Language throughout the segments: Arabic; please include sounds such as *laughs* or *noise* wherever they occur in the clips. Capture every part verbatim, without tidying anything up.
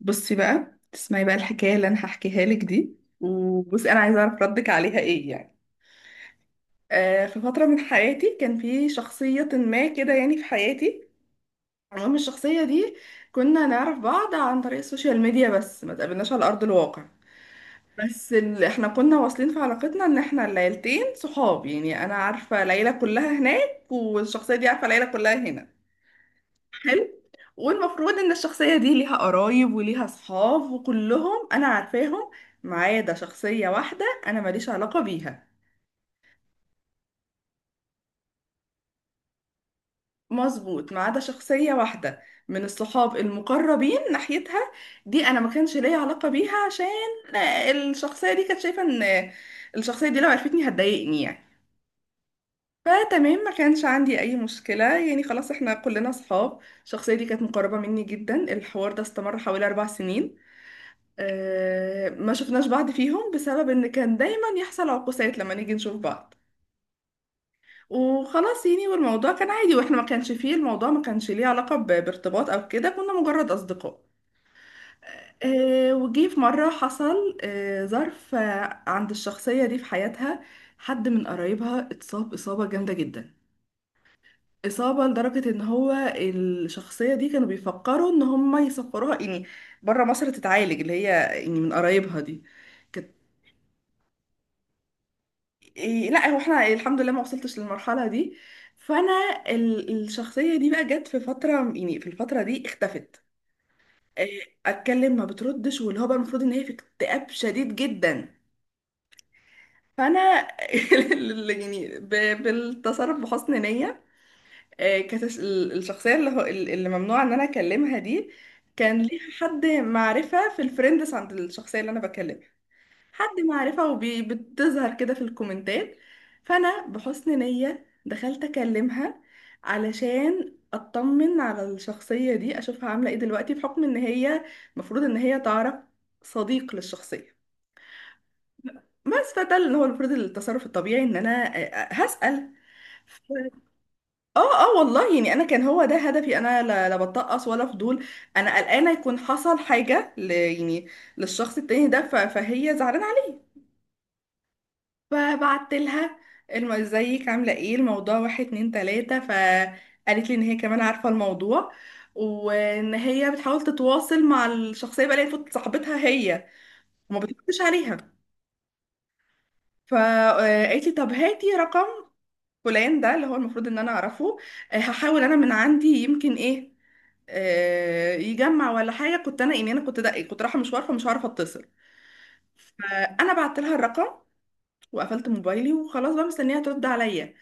بصي بقى تسمعي بقى الحكاية اللي أنا هحكيها لك دي. وبصي أنا عايزة أعرف ردك عليها إيه يعني. آه في فترة من حياتي كان في شخصية ما كده يعني في حياتي. المهم الشخصية دي كنا نعرف بعض عن طريق السوشيال ميديا، بس ما تقابلناش على أرض الواقع. بس ال... احنا كنا واصلين في علاقتنا ان احنا العيلتين صحاب، يعني انا عارفة العيلة كلها هناك، والشخصية دي عارفة العيلة كلها هنا. حلو. والمفروض ان الشخصية دي ليها قرايب وليها صحاب وكلهم انا عارفاهم، ما عدا شخصية واحدة انا ماليش علاقة بيها. مظبوط، ما عدا شخصية واحدة من الصحاب المقربين ناحيتها. دي انا ما كانش ليا علاقة بيها عشان الشخصية دي كانت شايفة ان الشخصية دي لو عرفتني هتضايقني، يعني. فتمام، ما كانش عندي اي مشكلة، يعني خلاص احنا كلنا صحاب. الشخصية دي كانت مقربة مني جدا. الحوار ده استمر حوالي اربع سنين. آه، ما شفناش بعض فيهم بسبب ان كان دايما يحصل عقوسات لما نيجي نشوف بعض. وخلاص يعني، والموضوع كان عادي، واحنا ما كانش فيه الموضوع ما كانش ليه علاقة ب- بارتباط او كده، كنا مجرد اصدقاء. آه، وجي في مرة حصل آه، ظرف آه، عند الشخصية دي في حياتها. حد من قرايبها اتصاب إصابة جامدة جدا، إصابة لدرجة إن هو الشخصية دي كانوا بيفكروا إن هم يسفروها، يعني بره مصر تتعالج، اللي هي يعني من قرايبها دي كانت. إيه، لا هو احنا الحمد لله ما وصلتش للمرحلة دي. فانا ال- الشخصية دي بقى جت في فترة، يعني في الفترة دي اختفت. إيه، اتكلم ما بتردش، واللي هو بقى المفروض ان هي في اكتئاب شديد جدا. فانا *laughs* اللي يعني ب- بالتصرف بحسن نية. إيه، كانت الش- ال- الشخصية اللي هو ال- اللي ممنوع ان انا اكلمها دي كان ليها حد معرفة في الفريندز عند الشخصية اللي انا بكلمها. حد معرفة وبتظهر كده في الكومنتات. فأنا بحسن نية دخلت أكلمها علشان أطمن على الشخصية دي، أشوفها عاملة إيه دلوقتي بحكم إن هي المفروض إن هي تعرف صديق للشخصية. بس فده اللي هو المفروض التصرف الطبيعي إن أنا آه، آه، هسأل. اه اه والله، يعني انا كان هو ده هدفي، انا لا, لا بتطقص ولا فضول. انا قلقانه يكون حصل حاجه ل يعني للشخص التاني ده ف- فهي زعلانه. فبعت لها الم... ازيك عامله ايه؟ الموضوع واحد اتنين تلاته. فقالت لي ان هي كمان عارفه الموضوع، وان هي بتحاول تتواصل مع الشخصيه بقى اللي هي المفروض صاحبتها هي، وما بتردش عليها. فقالت لي طب هاتي رقم فلان، ده اللي هو المفروض ان انا اعرفه. آه، هحاول انا من عندي يمكن ايه آه، يجمع ولا حاجه. كنت انا يعني انا كنت ده كنت رايحه مشوار فمش عارفه اتصل. فانا بعت لها الرقم وقفلت موبايلي وخلاص بقى مستنيها ترد عليا.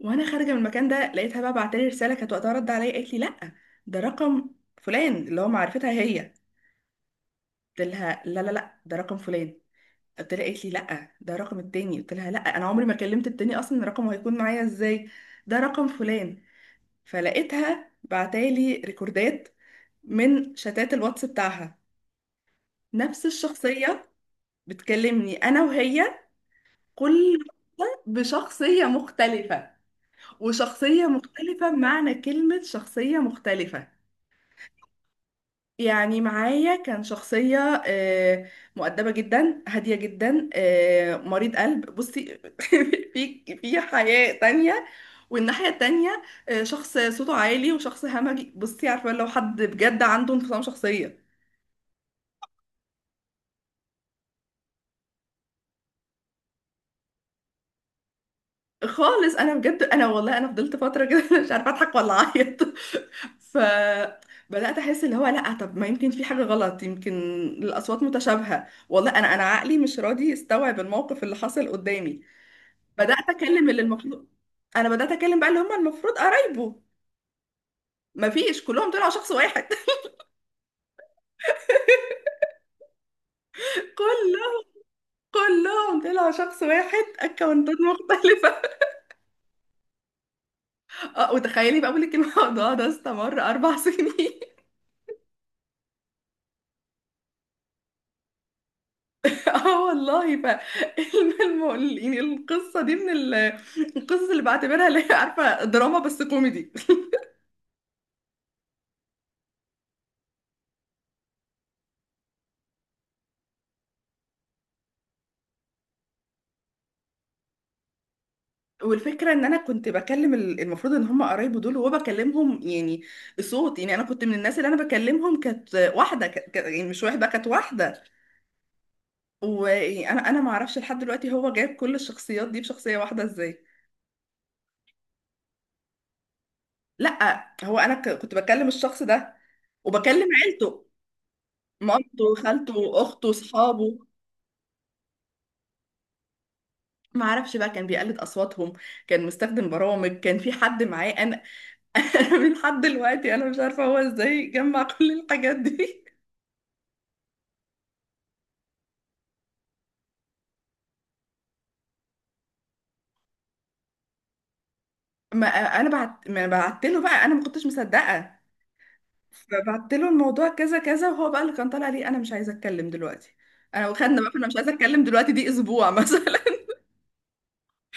وانا خارجه من المكان ده لقيتها بقى بعتلي رساله، كانت وقتها رد عليا، قالت لي لا، ده رقم فلان اللي هو معرفتها هي. قلت لها لا لا لا، ده رقم فلان، قلت لها، قالت لي لا، ده رقم التاني، قلت لها لا انا عمري ما كلمت التاني اصلا، رقمه هيكون معايا ازاي؟ ده رقم فلان. فلقيتها بعتالي ريكوردات من شتات الواتس بتاعها، نفس الشخصيه بتكلمني انا وهي، كل واحدة بشخصيه مختلفه. وشخصيه مختلفه بمعنى كلمه شخصيه مختلفه. يعني معايا كان شخصية آه، مؤدبة جدا هادية جدا، آه، مريض قلب، بصي *laughs* في في حياة تانية. والناحية التانية آه، شخص صوته عالي وشخص همجي، بصي عارفة لو حد بجد عنده انفصام شخصية. خالص. انا بجد، انا والله انا فضلت فترة كده *laughs* مش عارفة اضحك ولا اعيط. ف بدأت أحس اللي هو لأ، طب ما يمكن في حاجة غلط، يمكن الأصوات متشابهة. والله أنا أنا عقلي مش راضي يستوعب الموقف اللي حصل قدامي. بدات اكلم اللي المفروض، انا بدات اكلم بقى اللي هم المفروض قرايبه. مفيش، كلهم طلعوا شخص واحد. *laughs* كلهم، كلهم طلعوا شخص واحد، اكونتات مختلفة. اه وتخيلي بقى، بقولك الموضوع *laughs* ده استمر اربع سنين *laughs* اه والله. ف الم- الم- يعني القصة دي من ال- القصص اللي بعتبرها اللي هي عارفة دراما بس كوميدي. والفكره ان انا كنت بكلم ال- المفروض ان هم قرايبه دول، وبكلمهم يعني صوت يعني انا كنت من الناس اللي انا بكلمهم كانت واحده ك... ك... يعني مش واحده كانت واحده. وانا انا ما اعرفش لحد دلوقتي هو جايب كل الشخصيات دي بشخصيه واحده ازاي؟ لا هو انا ك... كنت بكلم الشخص ده، وبكلم عيلته، مامته خالته اخته صحابه. ما اعرفش بقى كان بيقلد اصواتهم. كان مستخدم برامج، كان في حد معاه، انا *laughs* من لحد دلوقتي انا مش عارفه هو ازاي جمع كل الحاجات دي. ما انا بعت ما بعت له بقى، انا ما كنتش مصدقه. فبعت له الموضوع كذا كذا، وهو بقى اللي كان طالع لي انا مش عايزه اتكلم دلوقتي. انا وخدنا بقى انا مش عايزه اتكلم دلوقتي دي اسبوع مثلا *laughs*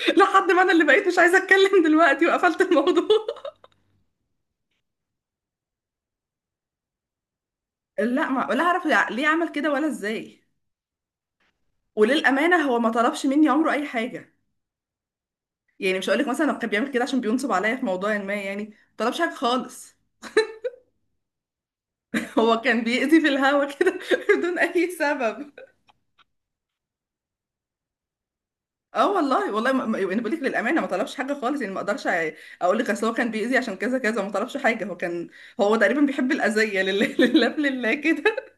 لحد ما انا اللي بقيت مش عايزه اتكلم دلوقتي، وقفلت الموضوع. *laughs* لا ما ولا اعرف يع- ليه عمل كده ولا ازاي. وللامانه هو ما طلبش مني عمره اي حاجه. يعني مش هقول لك مثلا هو كان بيعمل كده عشان بينصب عليا في موضوع ما، يعني ما طلبش حاجه خالص. *laughs* هو كان بيأذي في الهوا كده *laughs* بدون اي سبب. اه والله والله ما... ما- انا بقول لك للامانه ما طلبش حاجه خالص، يعني ما اقدرش اقول لك اصل هو كان بيأذي عشان كذا كذا. ما طلبش حاجه. هو كان هو تقريبا بيحب الاذيه لله *laughs* لله لله كده.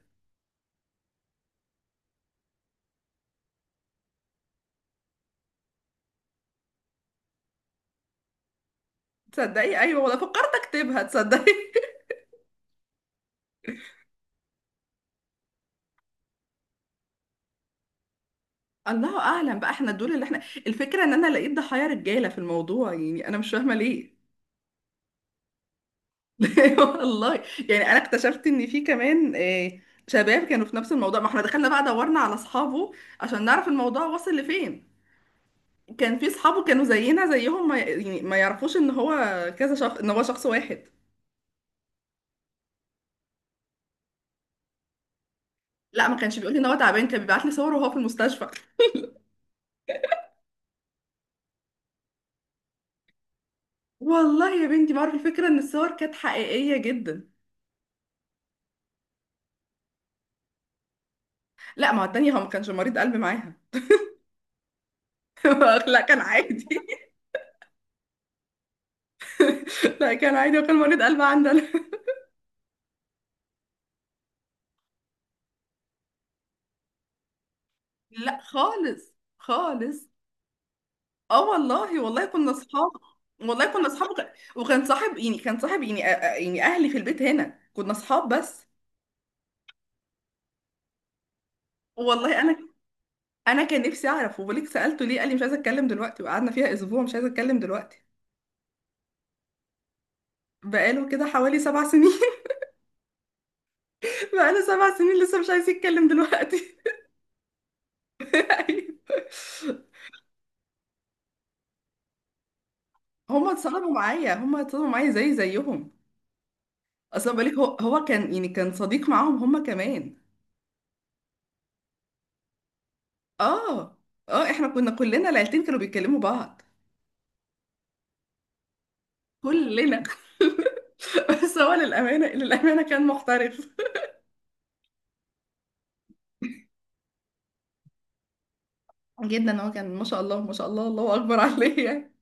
تصدقي، ايوه والله فكرت اكتبها تصدقي *laughs* الله اعلم بقى. احنا دول اللي احنا. الفكره ان انا لقيت ضحايا رجاله في الموضوع، يعني انا مش فاهمه ليه. *laughs* والله، يعني انا اكتشفت ان في كمان آه، شباب كانوا في نفس الموضوع. ما احنا دخلنا بقى دورنا على اصحابه عشان نعرف الموضوع وصل لفين. كان في صحابه كانوا زينا زيهم، ما يعني ما يعرفوش ان هو كذا شخص، ان هو شخص واحد. لا ما كانش بيقول لي ان هو تعبان، كان بيبعت لي صور وهو في المستشفى. والله يا بنتي بعرف. الفكره ان الصور كانت حقيقيه جدا. لا، ما هو التانية هو ما كانش مريض قلب معاها *laughs* لا كان عادي. لا كان عادي، وكان مريض قلب عندنا *laughs* لا خالص. خالص. اه والله والله كنا اصحاب. والله كنا اصحاب. وك- وكان صاحب يعني كان صاحب، يعني أ- أ- يعني اهلي في البيت هنا كنا اصحاب بس. والله انا انا كان نفسي اعرف. وبوليك، سالته ليه قال لي مش عايزه اتكلم دلوقتي، وقعدنا فيها اسبوع مش عايزه اتكلم دلوقتي. بقاله كده حوالي سبع سنين *laughs* بقاله سبع سنين لسه مش عايز يتكلم دلوقتي. *laughs* أيوة. هما اتصدموا معايا، هما اتصدموا معايا زي زيهم. اصلا بالك، هو هو كان يعني كان صديق معاهم هما كمان. اه اه احنا كنا كلنا، العيلتين كانوا بيتكلموا بعض. كلنا *laughs* بس هو للامانه للامانه كان محترف. *laughs* جدا. هو كان، ما شاء الله ما شاء الله، الله اكبر عليه يعني.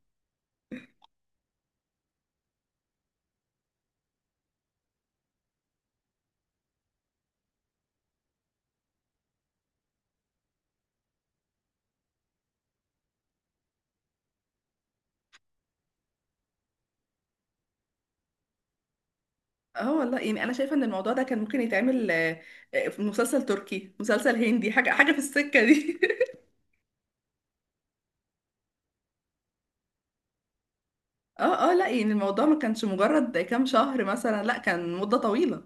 اه والله، يعني انا شايفه ان الموضوع ده كان ممكن يتعمل آه، آه، في مسلسل تركي، مسلسل هندي، حاجه حاجه في السكه دي *laughs* اه اه لا يعني الموضوع ما كانش مجرد كام شهر مثلا، لا كان مده طويله.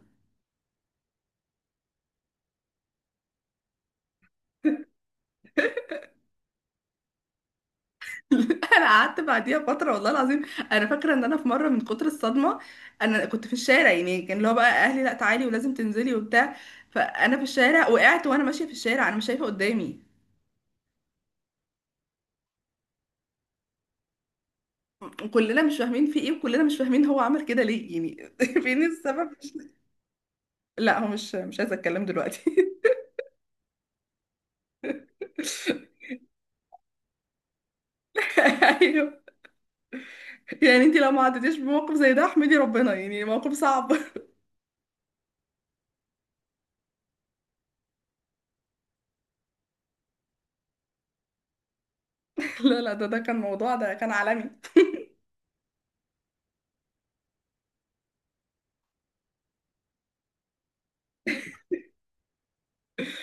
*laughs* انا قعدت بعديها فتره، والله العظيم انا فاكره ان انا في مره من كتر الصدمه، انا كنت في الشارع، يعني كان اللي هو بقى اهلي لا تعالي ولازم تنزلي وبتاع، فانا في الشارع وقعت وانا ماشيه في الشارع انا مش شايفه قدامي. وكلنا مش فاهمين في ايه، وكلنا مش فاهمين هو عمل كده ليه، يعني *laughs* فين السبب؟ لا، هو مش مش عايزه اتكلم دلوقتي. *laughs* ايوه. يعني انت لو ما عدتيش بموقف زي ده احمدي ربنا، يعني موقف صعب *laughs* لا لا، ده ده كان موضوع، ده كان عالمي.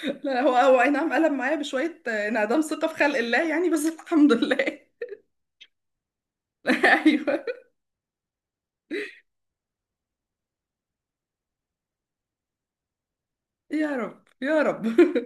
لا، هو هو اي نعم قلب معايا بشويه، آه، انعدام ثقه في خلق الله، يعني بس الحمد لله *laughs* ايوه. يا رب يا رب.